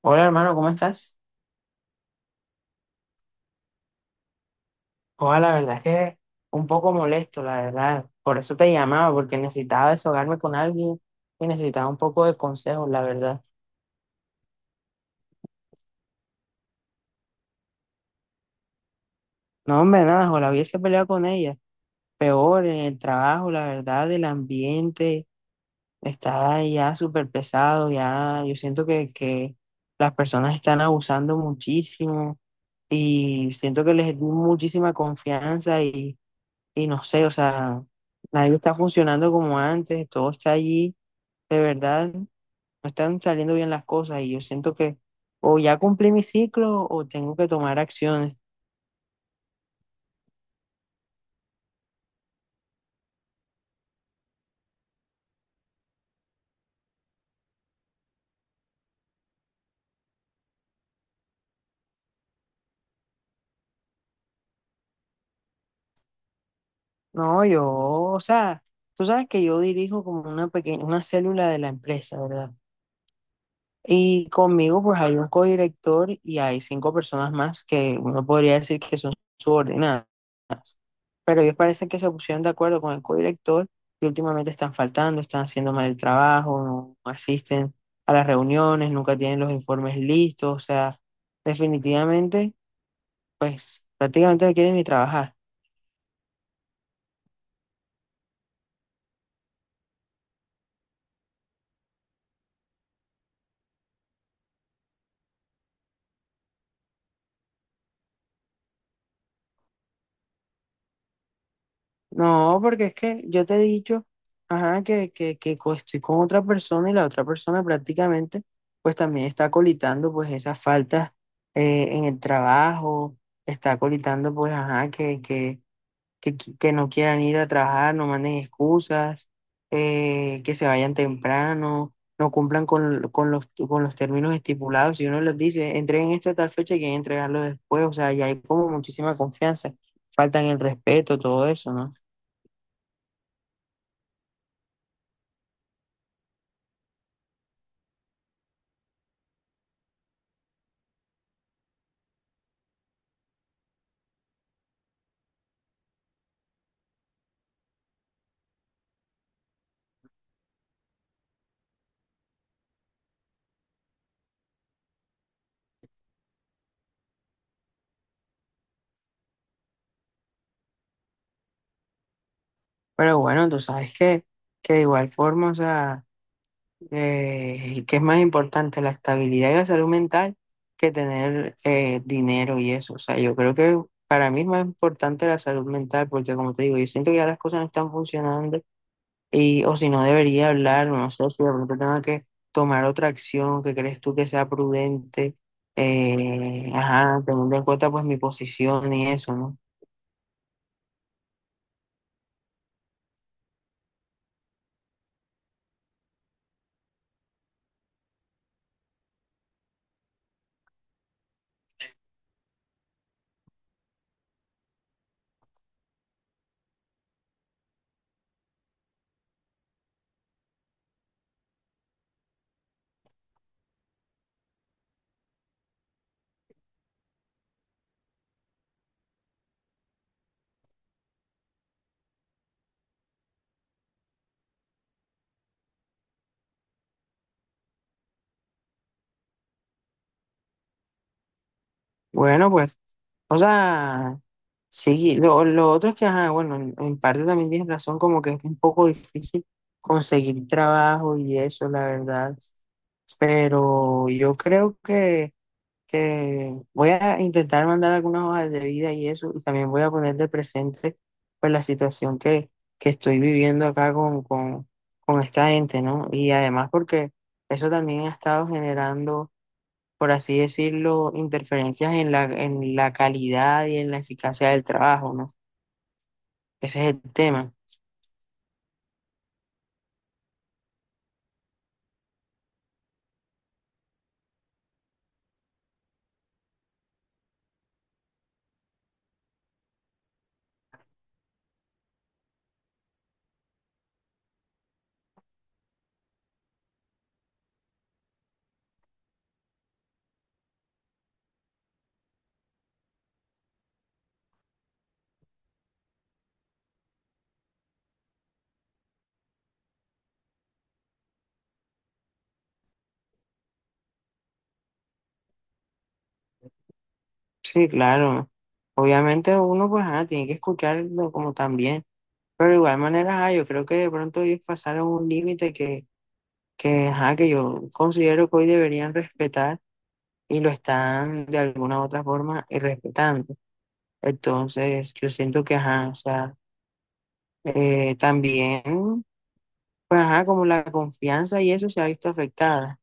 Hola hermano, ¿cómo estás? Hola, la verdad es que un poco molesto, la verdad. Por eso te llamaba, porque necesitaba desahogarme con alguien y necesitaba un poco de consejos, la verdad. No, hombre, nada, o la hubiese peleado con ella. Peor en el trabajo, la verdad, el ambiente está ya súper pesado, ya yo siento que las personas están abusando muchísimo y siento que les di muchísima confianza y no sé, o sea, nadie está funcionando como antes, todo está allí, de verdad, no están saliendo bien las cosas y yo siento que o ya cumplí mi ciclo o tengo que tomar acciones. No, yo, o sea, tú sabes que yo dirijo como una pequeña, una célula de la empresa, ¿verdad? Y conmigo pues hay un codirector y hay cinco personas más que uno podría decir que son subordinadas. Pero ellos parecen que se pusieron de acuerdo con el codirector y últimamente están faltando, están haciendo mal el trabajo, no asisten a las reuniones, nunca tienen los informes listos, o sea, definitivamente, pues prácticamente no quieren ni trabajar. No, porque es que yo te he dicho, ajá, que estoy con otra persona y la otra persona prácticamente, pues también está colitando pues esas faltas en el trabajo, está colitando pues, ajá, que no quieran ir a trabajar, no manden excusas, que se vayan temprano, no cumplan con con los términos estipulados. Si uno les dice, entreguen esto a tal fecha y quieren entregarlo después, o sea, ya hay como muchísima confianza, faltan el respeto, todo eso, ¿no? Pero bueno, tú sabes que de igual forma, o sea... Y que es más importante la estabilidad y la salud mental que tener dinero y eso. O sea, yo creo que para mí es más importante la salud mental porque, como te digo, yo siento que ya las cosas no están funcionando y o si no debería hablar, o no sé si de pronto tengo que tomar otra acción que crees tú que sea prudente, ajá, teniendo en cuenta pues mi posición y eso, ¿no? Bueno, pues, o sea, sí, lo otro es que, ajá, bueno, en parte también tienes razón, como que es un poco difícil conseguir trabajo y eso, la verdad. Pero yo creo que voy a intentar mandar algunas hojas de vida y eso, y también voy a poner de presente pues la situación que estoy viviendo acá con esta gente, ¿no? Y además porque eso también ha estado generando, por así decirlo, interferencias en en la calidad y en la eficacia del trabajo, ¿no? Ese es el tema. Sí, claro. Obviamente uno pues tiene que escucharlo como también, pero de igual manera yo creo que de pronto ellos pasaron un límite ajá, que yo considero que hoy deberían respetar y lo están de alguna u otra forma respetando. Entonces yo siento que ajá, o sea, también pues ajá, como la confianza y eso se ha visto afectada.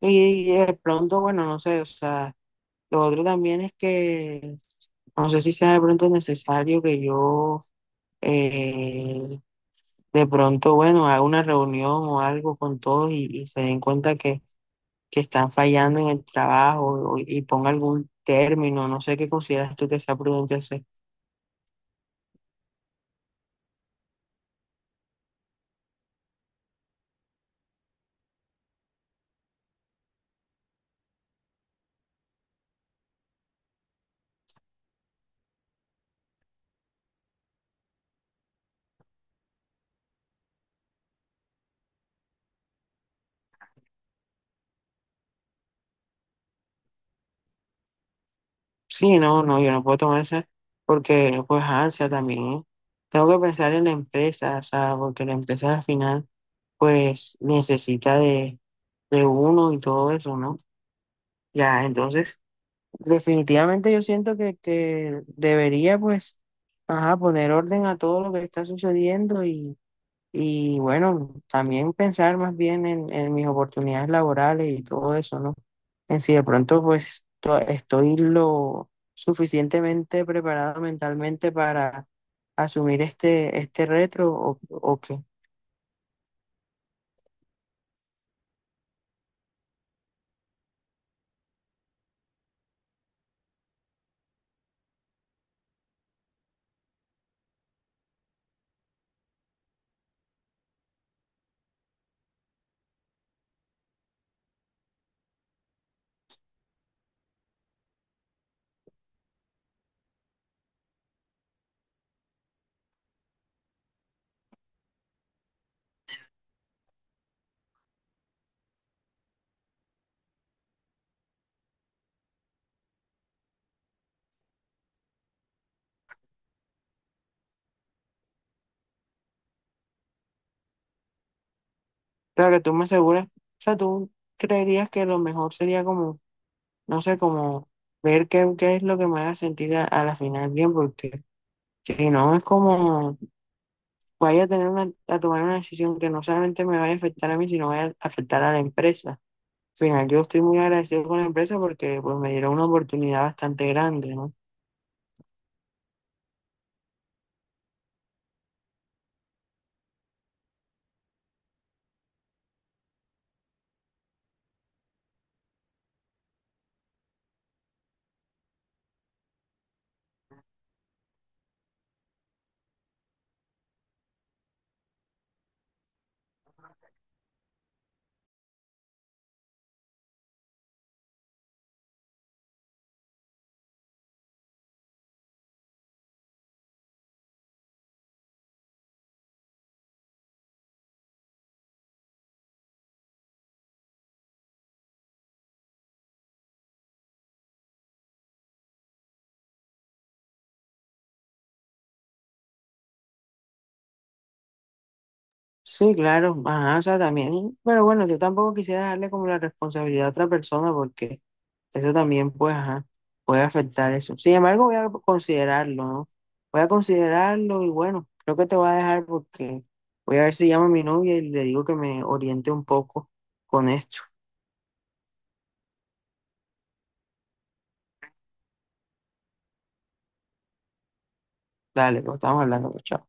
Y de pronto, bueno, no sé, o sea, lo otro también es que no sé si sea de pronto necesario que yo eh, de pronto, bueno, haga una reunión o algo con todos y se den cuenta que están fallando en el trabajo o- y ponga algún término, no sé qué consideras tú que sea prudente hacer. Sí, no, no, yo no puedo tomar esa porque pues ansia también, ¿eh? Tengo que pensar en la empresa, o sea, porque la empresa al final pues necesita de uno y todo eso, ¿no? Ya, entonces, definitivamente yo siento que debería, pues, ajá, poner orden a todo lo que está sucediendo y bueno, también pensar más bien en mis oportunidades laborales y todo eso, ¿no? En si de pronto, pues, to- estoy lo suficientemente preparado mentalmente para asumir este, este reto o qué. Claro que tú me aseguras, o sea, tú creerías que lo mejor sería como no sé, como ver qué es lo que me haga sentir a la final bien, porque si no es como vaya a tener una, a tomar una decisión que no solamente me vaya a afectar a mí, sino vaya a afectar a la empresa. Al final, yo estoy muy agradecido con la empresa porque pues, me dieron una oportunidad bastante grande, ¿no? Sí, claro, ajá, o sea, también, pero bueno, yo tampoco quisiera darle como la responsabilidad a otra persona porque eso también, pues, ajá, puede afectar eso. Sin embargo, voy a considerarlo, ¿no? Voy a considerarlo y bueno, creo que te voy a dejar porque voy a ver si llamo a mi novia y le digo que me oriente un poco con esto. Dale, pues estamos hablando, pues, chao.